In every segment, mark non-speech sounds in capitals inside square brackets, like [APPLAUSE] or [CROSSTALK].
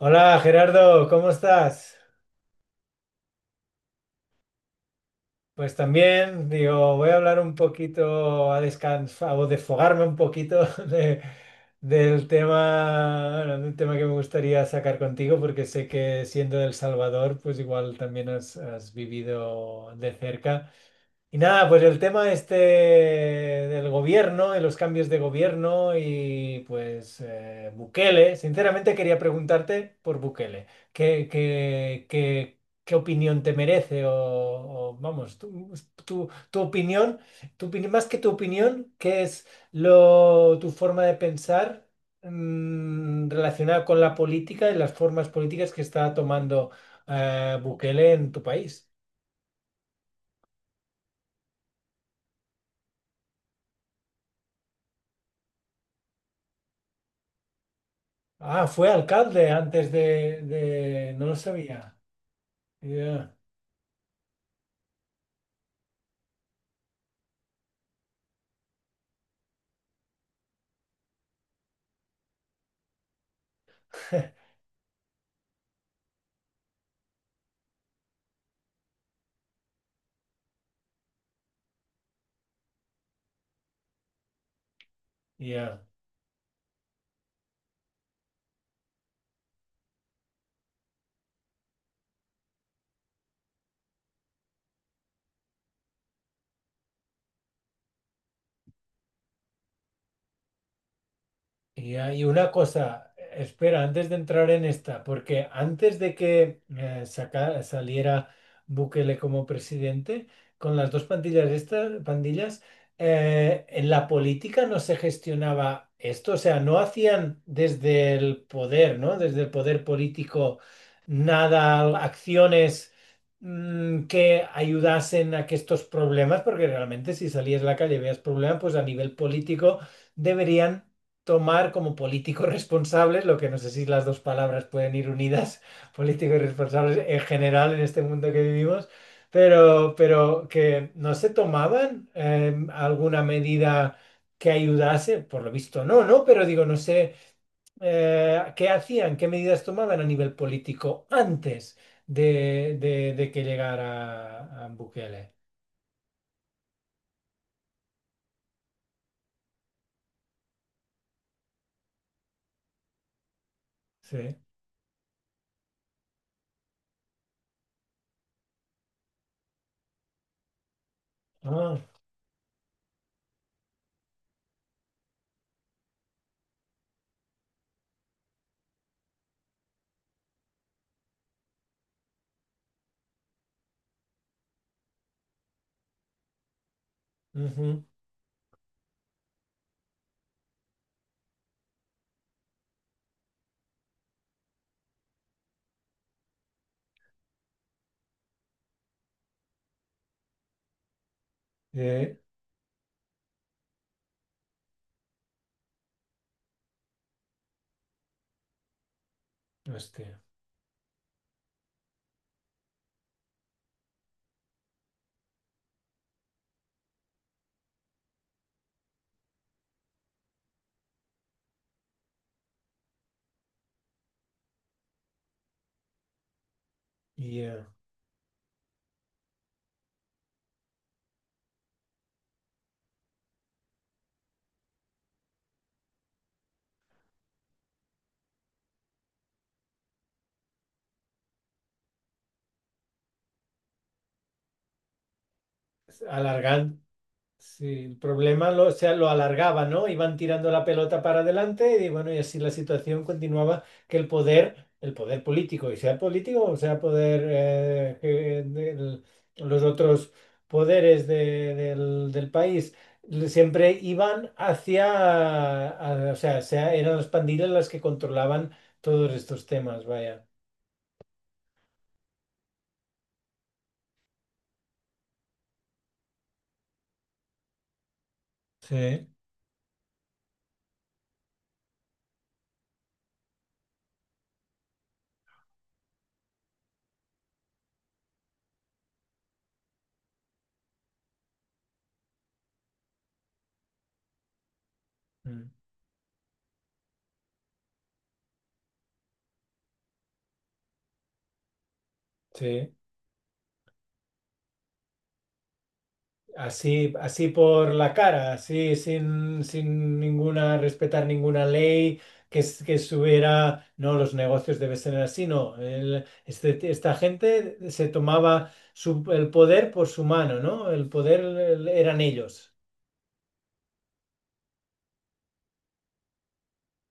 Hola Gerardo, ¿cómo estás? Pues también, digo, voy a hablar un poquito, a descansar o desfogarme un poquito [LAUGHS] del tema, bueno, de un tema que me gustaría sacar contigo, porque sé que siendo de El Salvador, pues igual también has vivido de cerca. Y nada, pues el tema este del gobierno, de los cambios de gobierno y pues Bukele, sinceramente quería preguntarte por Bukele, ¿qué opinión te merece? Vamos, tu opinión, más que tu opinión, ¿qué es lo, tu forma de pensar relacionada con la política y las formas políticas que está tomando Bukele en tu país? Ah, fue alcalde antes de, no lo sabía. Ya, [LAUGHS] ya. Y hay una cosa, espera, antes de entrar en esta, porque antes de que saliera Bukele como presidente, con las dos pandillas estas, pandillas, en la política no se gestionaba esto, o sea, no hacían desde el poder, ¿no? Desde el poder político nada, acciones, que ayudasen a que estos problemas, porque realmente si salías a la calle y veías problemas, pues a nivel político deberían tomar como políticos responsables, lo que no sé si las dos palabras pueden ir unidas, [LAUGHS] políticos y responsables en general en este mundo que vivimos, pero que no se tomaban alguna medida que ayudase, por lo visto no, ¿no? Pero digo, no sé qué hacían, qué medidas tomaban a nivel político antes de, de que llegara a Bukele. Sí. Ah, ujú. Eh, hostia. Y alargando. Sí, el problema lo, o sea, lo alargaba, ¿no? Iban tirando la pelota para adelante y bueno, y así la situación continuaba que el poder político, y sea político o sea poder, que del- los otros poderes del, del país, siempre iban hacia, o sea, eran las pandillas las que controlaban todos estos temas, vaya. Sí. Mm. Sí. Así, así por la cara, así sin, sin ninguna, respetar ninguna ley que, que subiera, no, los negocios deben ser así, no. Esta gente se tomaba el poder por su mano, ¿no? El poder eran ellos.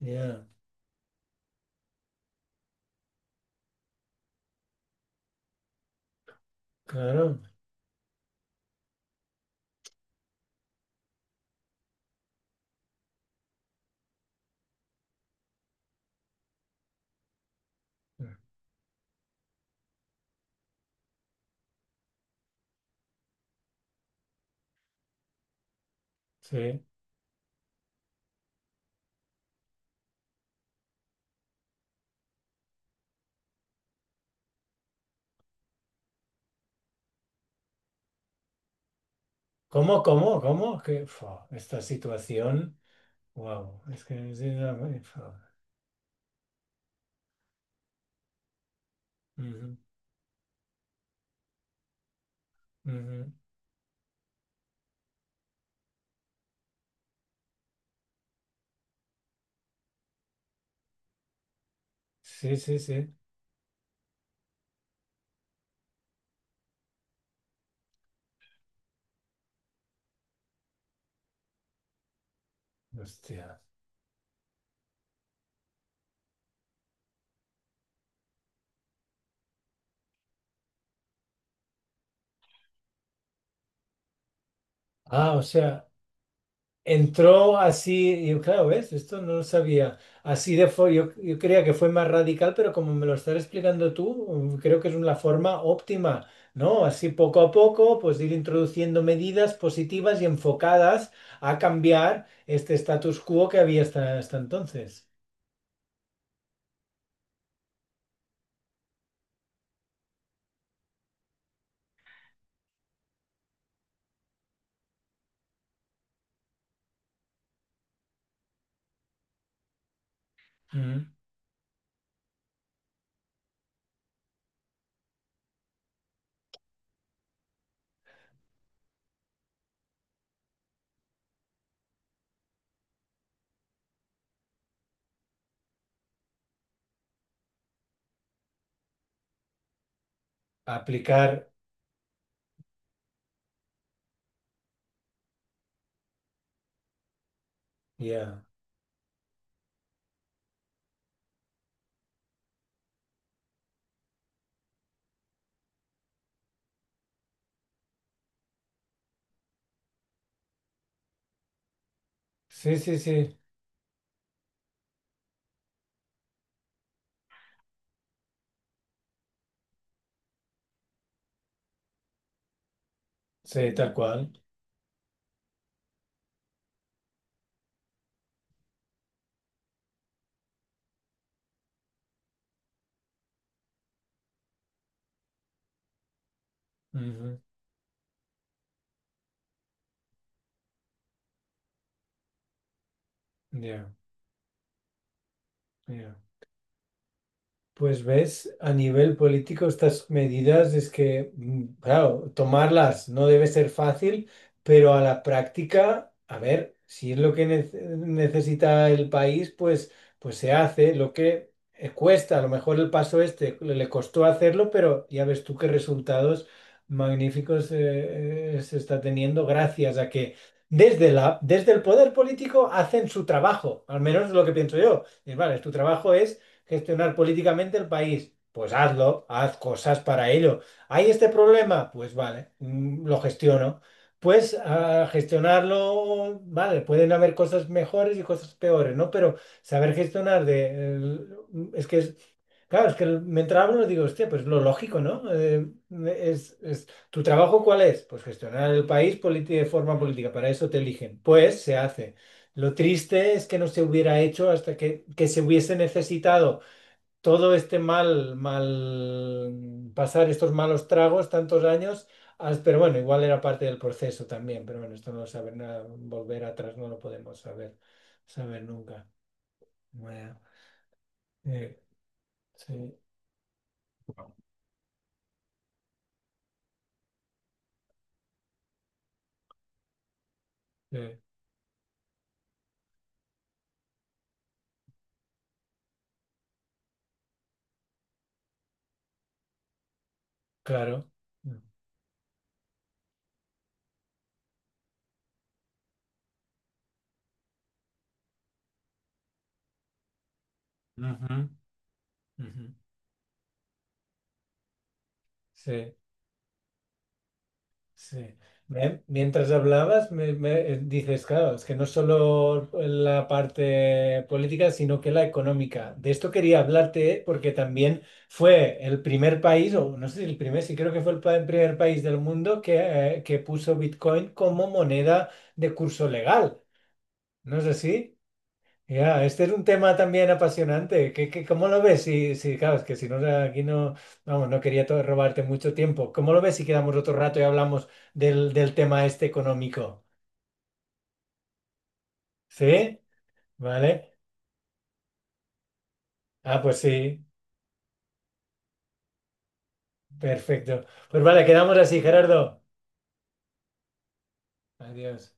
Ya, claro. Sí. ¿Cómo, cómo, cómo? Que, fua, esta situación, wow, es que es una fua. Ujú, ujú. Sí, sí, sí. Hostia. Ah, o sea. Entró así, y yo, claro, ¿ves? Esto no lo sabía. Así de fue, yo creía que fue más radical, pero como me lo estás explicando tú, creo que es una forma óptima, ¿no? Así poco a poco, pues ir introduciendo medidas positivas y enfocadas a cambiar este status quo que había hasta, hasta entonces. Ujú. Aplicar, ya. Sí, sí, sí, sí, tal cual. Ujú. Ya, ya. Pues ves, a nivel político estas medidas es que, claro, tomarlas no debe ser fácil, pero a la práctica, a ver, si es lo que necesita el país, pues, pues se hace lo que cuesta. A lo mejor el paso este le le costó hacerlo, pero ya ves tú qué resultados magníficos, se está teniendo gracias a que desde la, desde el poder político hacen su trabajo, al menos es lo que pienso yo. Y, vale, tu trabajo es gestionar políticamente el país. Pues hazlo, haz cosas para ello. ¿Hay este problema? Pues vale, lo gestiono. Pues a gestionarlo, vale, pueden haber cosas mejores y cosas peores, ¿no? Pero saber gestionar es que es... Claro, es que mientras hablo digo, hostia, pues lo lógico, ¿no? Es, ¿tu trabajo cuál es? Pues gestionar el país, de forma política, para eso te eligen. Pues se hace. Lo triste es que no se hubiera hecho hasta que se hubiese necesitado todo este mal, mal, pasar estos malos tragos tantos años, pero bueno, igual era parte del proceso también, pero bueno, esto no lo saber nada, volver atrás no lo podemos saber, saber nunca. Bueno, eh, sí, eh, claro. Mm. Ujú, ujú. Sí. Sí. Mientras hablabas, me, dices, claro, es que no solo la parte política, sino que la económica. De esto quería hablarte porque también fue el primer país, o no sé si el primer, sí creo que fue el primer país del mundo que puso Bitcoin como moneda de curso legal. ¿No es así? Ya, este es un tema también apasionante. ¿Qué, cómo lo ves? Si, si, claro, es que si no, aquí no, vamos, no quería robarte mucho tiempo. ¿Cómo lo ves si quedamos otro rato y hablamos del, del tema este económico? ¿Sí? ¿Vale? Ah, pues sí, perfecto. Pues vale, quedamos así, Gerardo. Adiós.